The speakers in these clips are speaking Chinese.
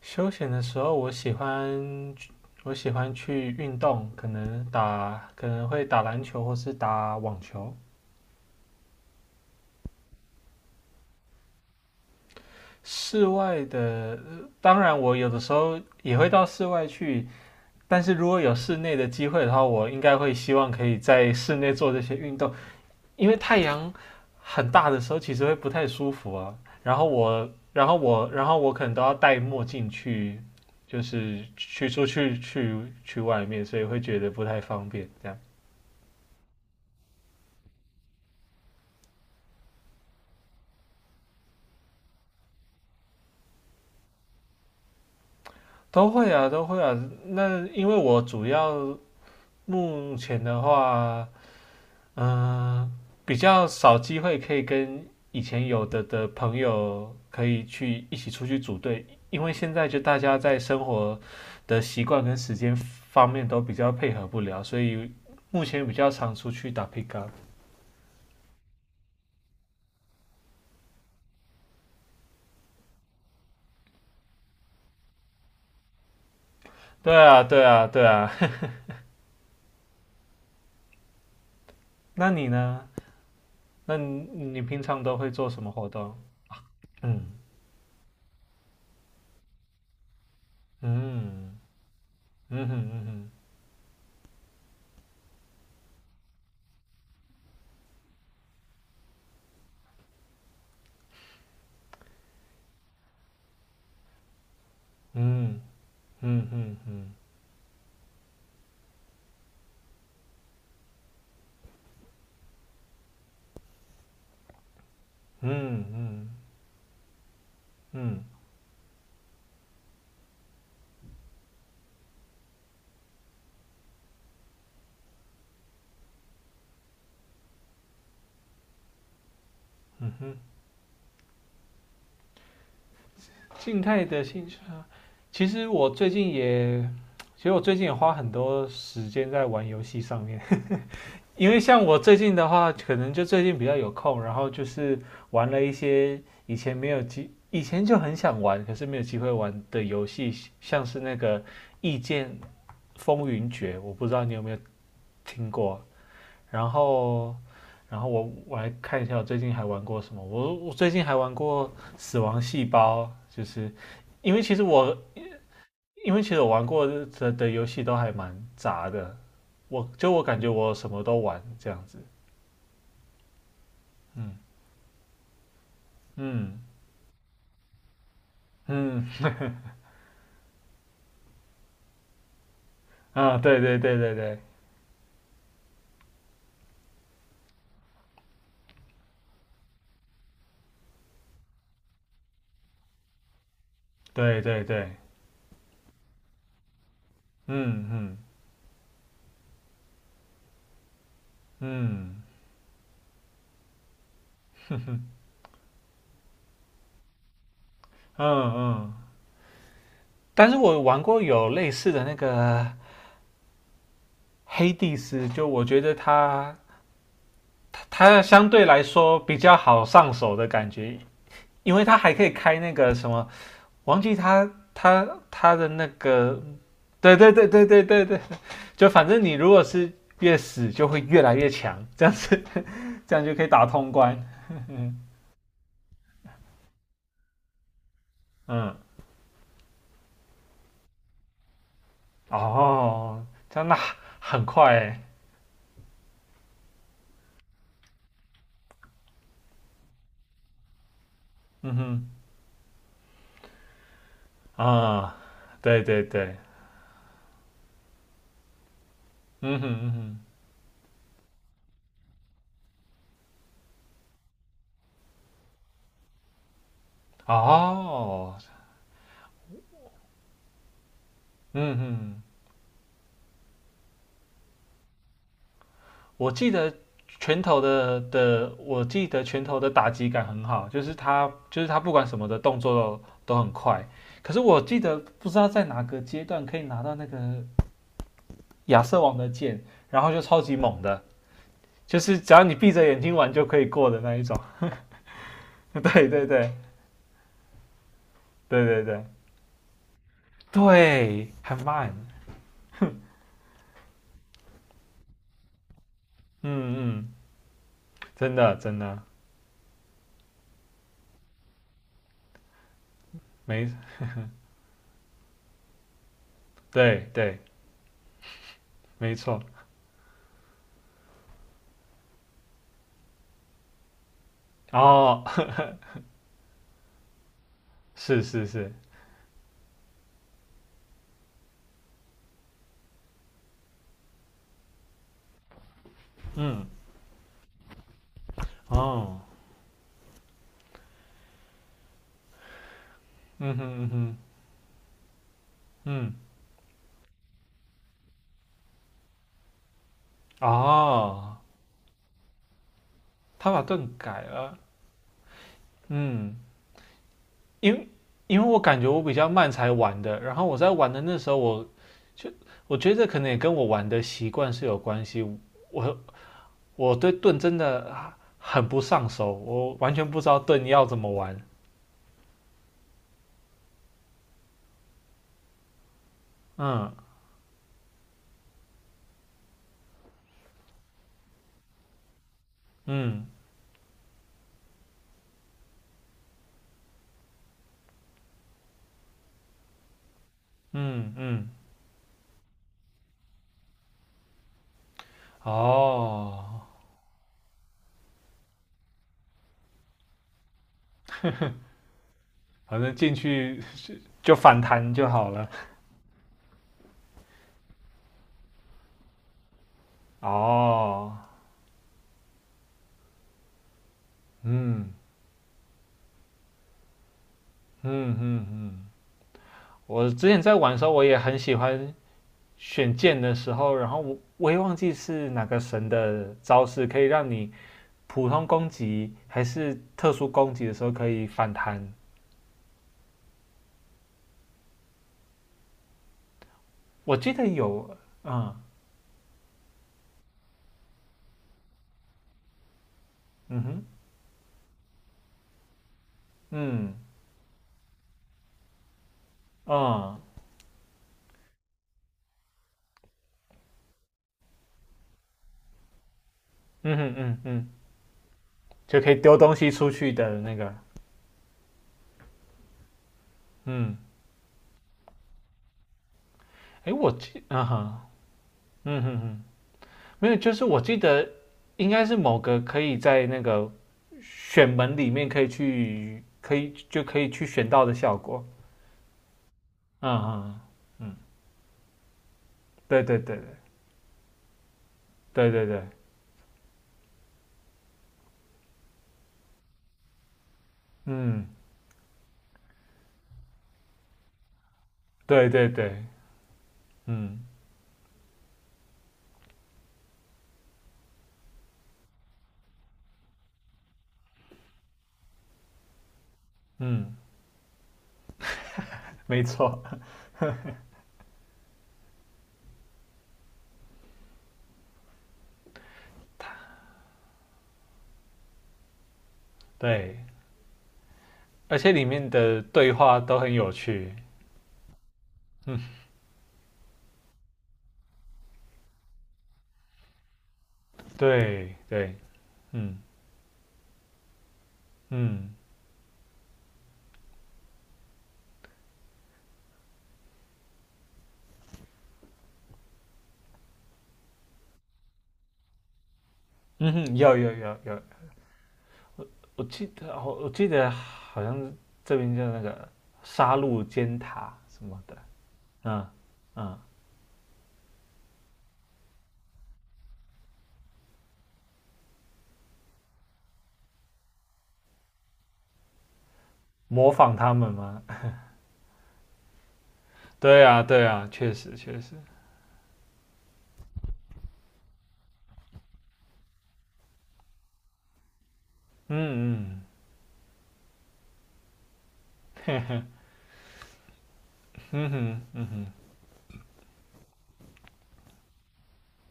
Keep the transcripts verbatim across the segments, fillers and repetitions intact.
休闲的时候，我喜欢我喜欢去运动，可能打可能会打篮球或是打网球。室外的，呃当然我有的时候也会到室外去，但是如果有室内的机会的话，我应该会希望可以在室内做这些运动，因为太阳很大的时候其实会不太舒服啊。然后我，然后我，然后我可能都要戴墨镜去，就是去出去去去外面，所以会觉得不太方便这样。都会啊，都会啊。那因为我主要目前的话，嗯、比较少机会可以跟以前有的的朋友可以去一起出去组队，因为现在就大家在生活的习惯跟时间方面都比较配合不了，所以目前比较常出去打 pick up。对啊，对啊，对啊。那你呢？那你你平常都会做什么活动？嗯嗯嗯哼嗯哼嗯。嗯嗯嗯嗯嗯嗯嗯哼，静态的兴趣啊，其实我最近也，其实我最近也花很多时间在玩游戏上面，因为像我最近的话，可能就最近比较有空，然后就是玩了一些以前没有机，以前就很想玩，可是没有机会玩的游戏，像是那个《异剑风云决》，我不知道你有没有听过，然后。然后我我来看一下我最近还玩过什么。我我最近还玩过《死亡细胞》，就是因为其实我因为其实我玩过的的游戏都还蛮杂的，我就我感觉我什么都玩这样子。嗯嗯嗯啊，对对对对对对对对，嗯嗯嗯嗯嗯。但是我玩过有类似的那个黑帝斯，就我觉得它它相对来说比较好上手的感觉，因为他还可以开那个什么，忘记他他他的那个，对对对对对对对，就反正你如果是越死就会越来越强，这样子 这样就可以打通关。嗯，哦，真的很快哎，嗯哼，啊、嗯对对对，嗯哼嗯哼，哦，嗯哼，我记得拳头的的，我记得拳头的打击感很好，就是他就是他不管什么的动作都很快。可是我记得不知道在哪个阶段可以拿到那个亚瑟王的剑，然后就超级猛的，就是只要你闭着眼睛玩就可以过的那一种。对对对对对对对，很慢。嗯嗯，真的真的没对对没错。哦，是是是，嗯哦，嗯哼嗯哼嗯。哦，他把盾改了，嗯，因为因为我感觉我比较慢才玩的，然后我在玩的那时候我，就我觉得可能也跟我玩的习惯是有关系，我我对盾真的啊很不上手，我完全不知道盾要怎么玩，嗯嗯嗯嗯，哦，反正进去就反弹就好了，哦，嗯嗯嗯嗯，我之前在玩的时候我也很喜欢。选剑的时候，然后我我也忘记是哪个神的招式可以让你普通攻击还是特殊攻击的时候可以反弹。我记得有，嗯嗯哼，嗯嗯嗯哼嗯嗯，就可以丢东西出去的那个，嗯，诶，我记，啊哈，嗯哼哼，没有，就是我记得应该是某个可以在那个选门里面可以去，可以就可以去选到的效果。嗯嗯嗯，对对对对。对对对，嗯，对对对，嗯嗯，没错，对，而且里面的对话都很有趣，嗯，对对，嗯嗯嗯哼，有有有有，然后我记得好像这边叫那个杀戮尖塔什么的，嗯嗯，模仿他们吗？对啊对啊，确实确实，嗯嗯嗯哼嗯哼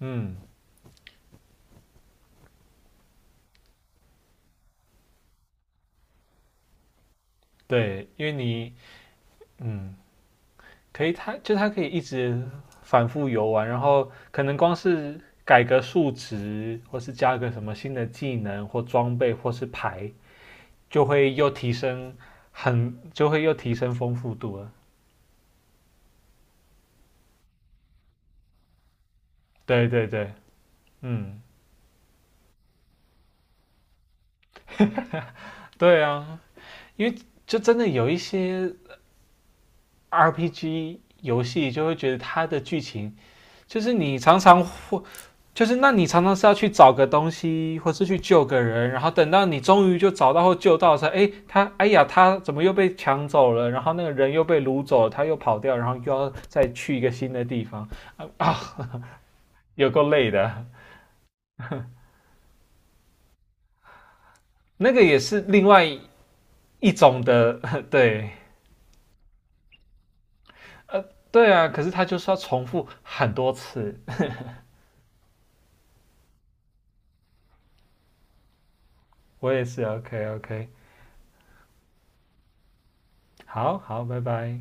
嗯，对，因为你嗯。可以它就它可以一直反复游玩，然后可能光是改个数值，或是加个什么新的技能或装备或是牌，就会又提升很 就会又提升丰富度了。对对对，嗯，对啊，因为就真的有一些 R P G 游戏就会觉得它的剧情就是你常常就是那你常常是要去找个东西，或是去救个人，然后等到你终于就找到或救到的时候，哎，他哎呀，他怎么又被抢走了？然后那个人又被掳走了，他又跑掉，然后又要再去一个新的地方啊啊，有够累的。那个也是另外一种的，对对啊，可是他就是要重复很多次。我也是，OK OK，好好，拜拜。